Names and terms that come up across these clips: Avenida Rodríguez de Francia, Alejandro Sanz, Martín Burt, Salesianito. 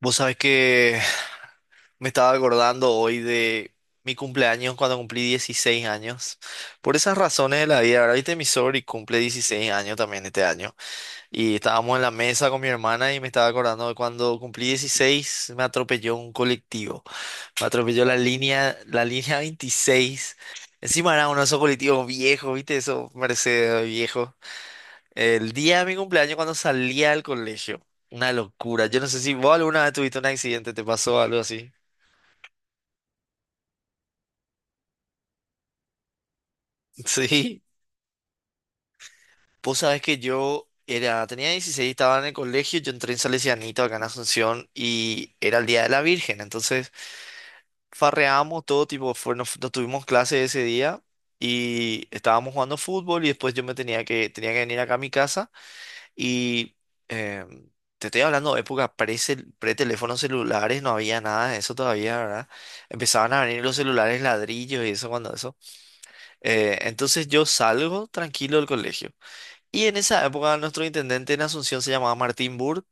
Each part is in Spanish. Vos sabés que me estaba acordando hoy de mi cumpleaños cuando cumplí 16 años. Por esas razones de la vida, ahora viste, mi y cumple 16 años también este año. Y estábamos en la mesa con mi hermana y me estaba acordando de cuando cumplí 16 me atropelló un colectivo. Me atropelló la línea 26. Encima era uno de esos colectivos viejos, viste, esos Mercedes viejos. El día de mi cumpleaños cuando salía del colegio. Una locura. Yo no sé si vos alguna vez tuviste un accidente, te pasó algo así. Sí. Vos sabés que yo era, tenía 16, estaba en el colegio, yo entré en Salesianito acá en Asunción y era el Día de la Virgen. Entonces farreamos todo tipo, fue, nos tuvimos clase ese día y estábamos jugando fútbol y después yo me tenía que venir acá a mi casa. Y eh, te estoy hablando de época pre-teléfonos celulares, no había nada de eso todavía, ¿verdad? Empezaban a venir los celulares ladrillos y eso cuando eso. Entonces yo salgo tranquilo del colegio. Y en esa época nuestro intendente en Asunción se llamaba Martín Burt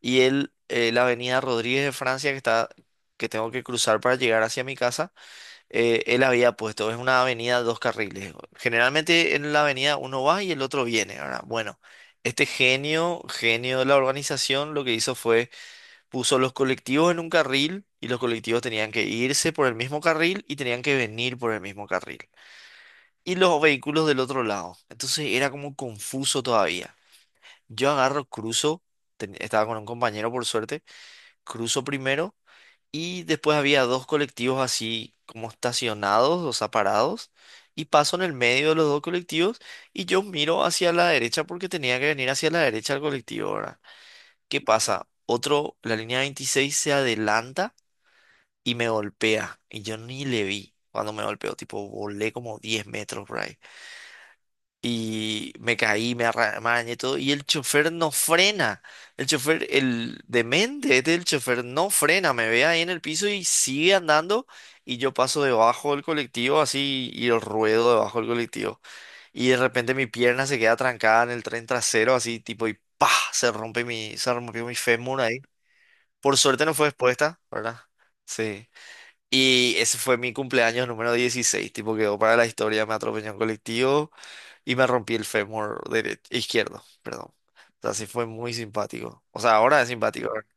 y él, la avenida Rodríguez de Francia que está, que tengo que cruzar para llegar hacia mi casa, él había puesto, es una avenida dos carriles. Generalmente en la avenida uno va y el otro viene, ¿verdad? Bueno, este genio, genio de la organización, lo que hizo fue puso los colectivos en un carril y los colectivos tenían que irse por el mismo carril y tenían que venir por el mismo carril. Y los vehículos del otro lado. Entonces era como confuso todavía. Yo agarro, cruzo, estaba con un compañero por suerte, cruzo primero y después había dos colectivos así como estacionados, o sea, parados. Y paso en el medio de los dos colectivos y yo miro hacia la derecha porque tenía que venir hacia la derecha del colectivo, ¿verdad? ¿Qué pasa? Otro, la línea 26 se adelanta y me golpea. Y yo ni le vi cuando me golpeó, tipo, volé como 10 metros por ahí y me caí, me arramañé y todo, y el chofer no frena. El chofer, el demente este, el chofer no frena, me ve ahí en el piso y sigue andando y yo paso debajo del colectivo así y ruedo debajo del colectivo. Y de repente mi pierna se queda trancada en el tren trasero así tipo y ¡pah!, se rompió mi fémur ahí. Por suerte no fue expuesta, ¿verdad? Sí. Y ese fue mi cumpleaños número 16, tipo quedó para la historia, me atropelló un colectivo y me rompí el fémur izquierdo, perdón. O sea, sí fue muy simpático. O sea, ahora es simpático, ¿verdad?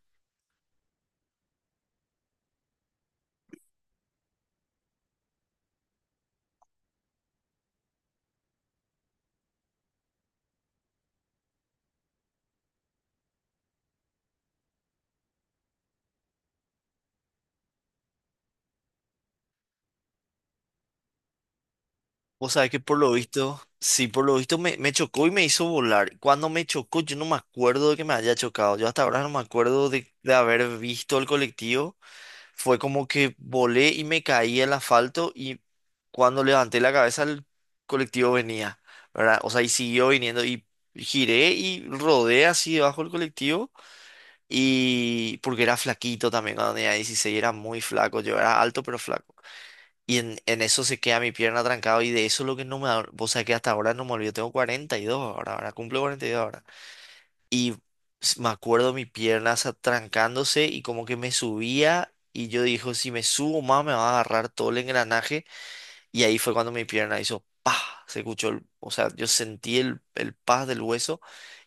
Vos sabés que por lo visto, sí, por lo visto me chocó y me hizo volar. Cuando me chocó, yo no me acuerdo de que me haya chocado. Yo hasta ahora no me acuerdo de haber visto el colectivo. Fue como que volé y me caí al asfalto y cuando levanté la cabeza el colectivo venía, ¿verdad? O sea, y siguió viniendo y giré y rodé así debajo del colectivo. Y porque era flaquito también cuando tenía 16, era muy flaco, yo era alto pero flaco. Y en eso se queda mi pierna trancada y de eso lo que no me... da- Vos sabés que hasta ahora no me olvido, tengo 42 ahora, ahora cumplo 42 ahora. Y me acuerdo mi pierna trancándose y como que me subía y yo dijo, si me subo más me va a agarrar todo el engranaje. Y ahí fue cuando mi pierna hizo ¡pah! Se escuchó, o sea, yo sentí el paz del hueso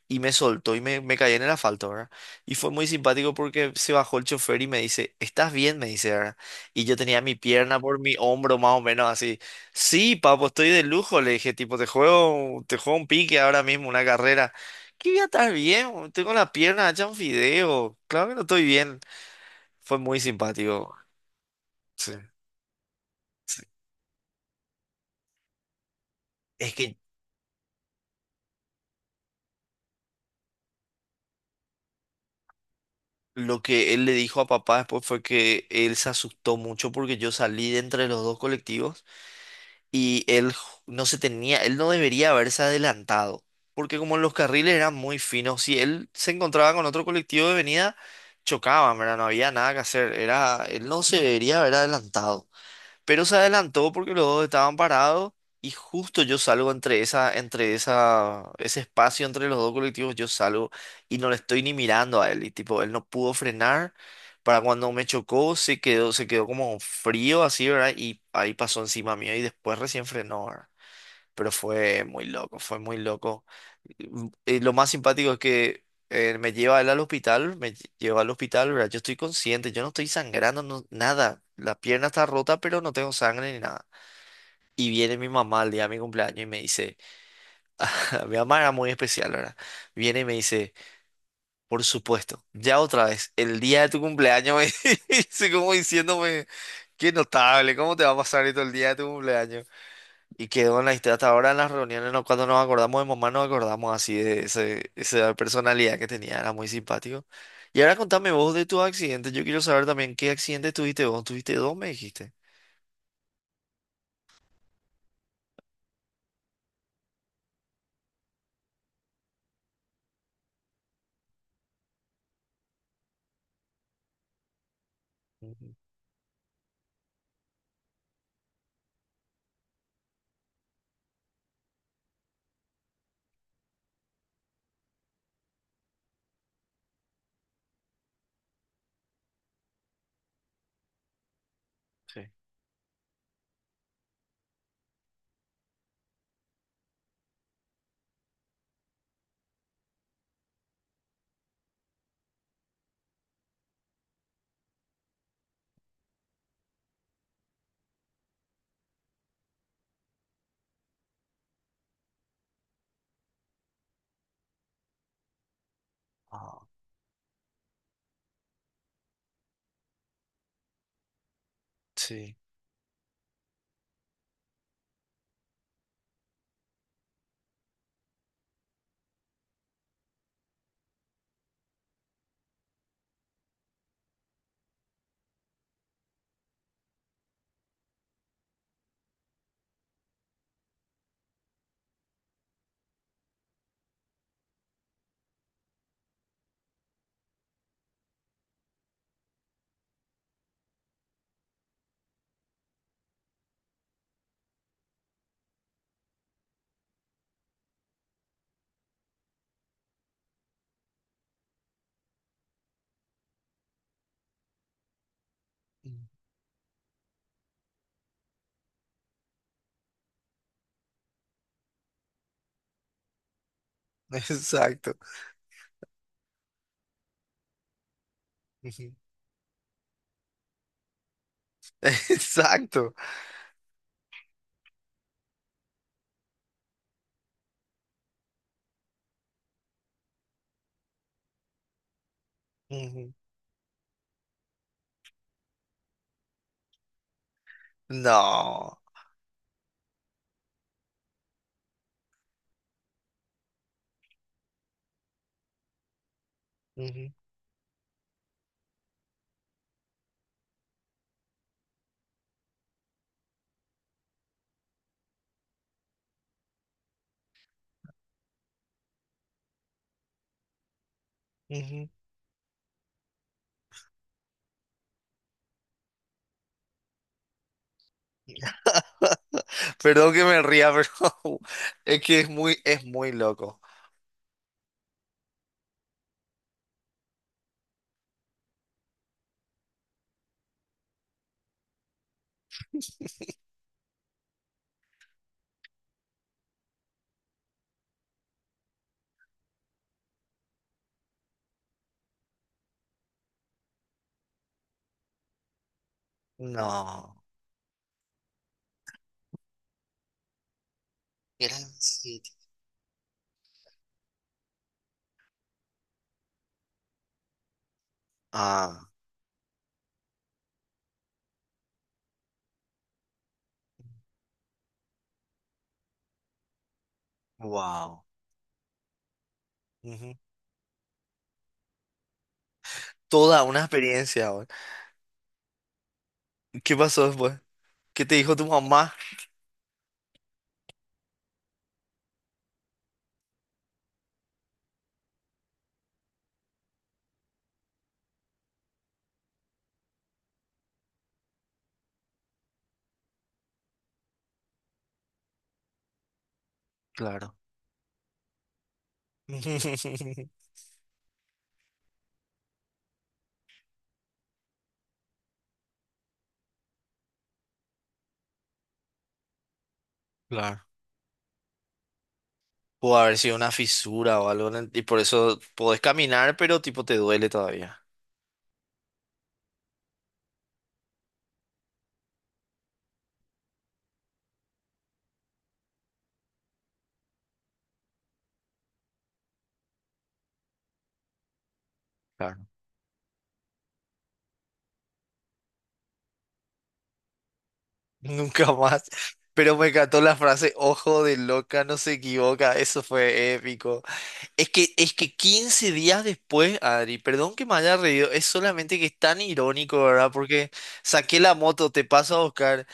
y me soltó y me caí en el asfalto, ¿verdad? Y fue muy simpático porque se bajó el chofer y me dice, ¿estás bien? Me dice, ¿verdad? Y yo tenía mi pierna por mi hombro más o menos así. Sí, papo, estoy de lujo, le dije, tipo, te juego un pique ahora mismo, una carrera. ¿Qué voy a estar bien, boludo? Tengo la pierna hecha un fideo. Claro que no estoy bien. Fue muy simpático. Sí, sí. Es que lo que él le dijo a papá después fue que él se asustó mucho porque yo salí de entre los dos colectivos, y él ju- no se tenía, él no debería haberse adelantado, porque como los carriles eran muy finos, si él se encontraba con otro colectivo de venida, chocaban, ¿verdad? No había nada que hacer, era, él no se debería haber adelantado. Pero se adelantó porque los dos estaban parados y justo yo salgo entre esa, ese espacio entre los dos colectivos, yo salgo y no le estoy ni mirando a él. Y tipo, él no pudo frenar. Para cuando me chocó, se quedó como frío así, ¿verdad? Y ahí pasó encima mío y después recién frenó, ¿verdad? Pero fue muy loco, fue muy loco. Y lo más simpático es que me lleva él al hospital, lleva al hospital, ¿verdad? Yo estoy consciente, yo no estoy sangrando, nada. La pierna está rota, pero no tengo sangre ni nada. Y viene mi mamá al día de mi cumpleaños y me dice, mi mamá era muy especial, ¿verdad? Viene y me dice, por supuesto, ya otra vez, el día de tu cumpleaños, me dice como diciéndome, qué notable, ¿cómo te va a pasar esto el día de tu cumpleaños? Y quedó en la historia. Hasta ahora en las reuniones, cuando nos acordamos de mamá, nos acordamos así de ese, esa personalidad que tenía, era muy simpático. Y ahora contame vos de tu accidente. Yo quiero saber también qué accidente tuviste vos. Tuviste dos, me dijiste. Ujú. Sí. Ah, sí. Mm. Exacto. Ujú. Exacto. Ujú. No. Ujú, ujú. Perdón que me ría, pero es que es es muy loco. No. Eran siete. Ah. Wow. Ujú. Toda una experiencia, güey. ¿Qué pasó después? ¿Qué te dijo tu mamá? Claro. Claro. Pudo haber sido una fisura o algo, en y por eso podés caminar, pero tipo te duele todavía. Claro. Nunca más. Pero me encantó la frase, ojo de loca, no se equivoca, eso fue épico. es que, 15 días después, Adri, perdón que me haya reído, es solamente que es tan irónico, ¿verdad? Porque saqué la moto, te paso a buscar.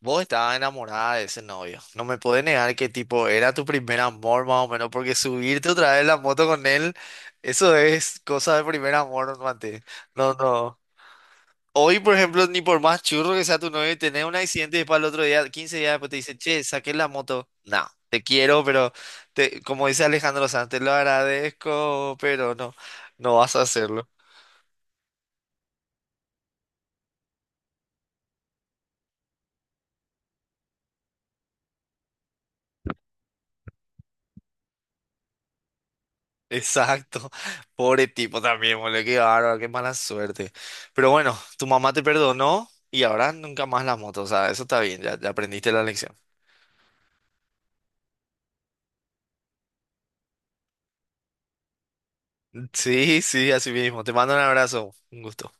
Vos estabas enamorada de ese novio. No me podés negar que tipo era tu primer amor más o menos, porque subirte otra vez en la moto con él, eso es cosa de primer amor, mate. No, no. Hoy, por ejemplo, ni por más churro que sea tu novio, tenés un accidente y después al otro día, 15 días después te dice, che, saqué la moto. No, te quiero, pero te, como dice Alejandro Sanz, te lo agradezco, pero no, no vas a hacerlo. Exacto, pobre tipo también, boludo, qué bárbaro, qué mala suerte. Pero bueno, tu mamá te perdonó y ahora nunca más la moto, o sea, eso está bien, ya, ya aprendiste la lección. Sí, sí, así mismo. Te mando un abrazo, un gusto.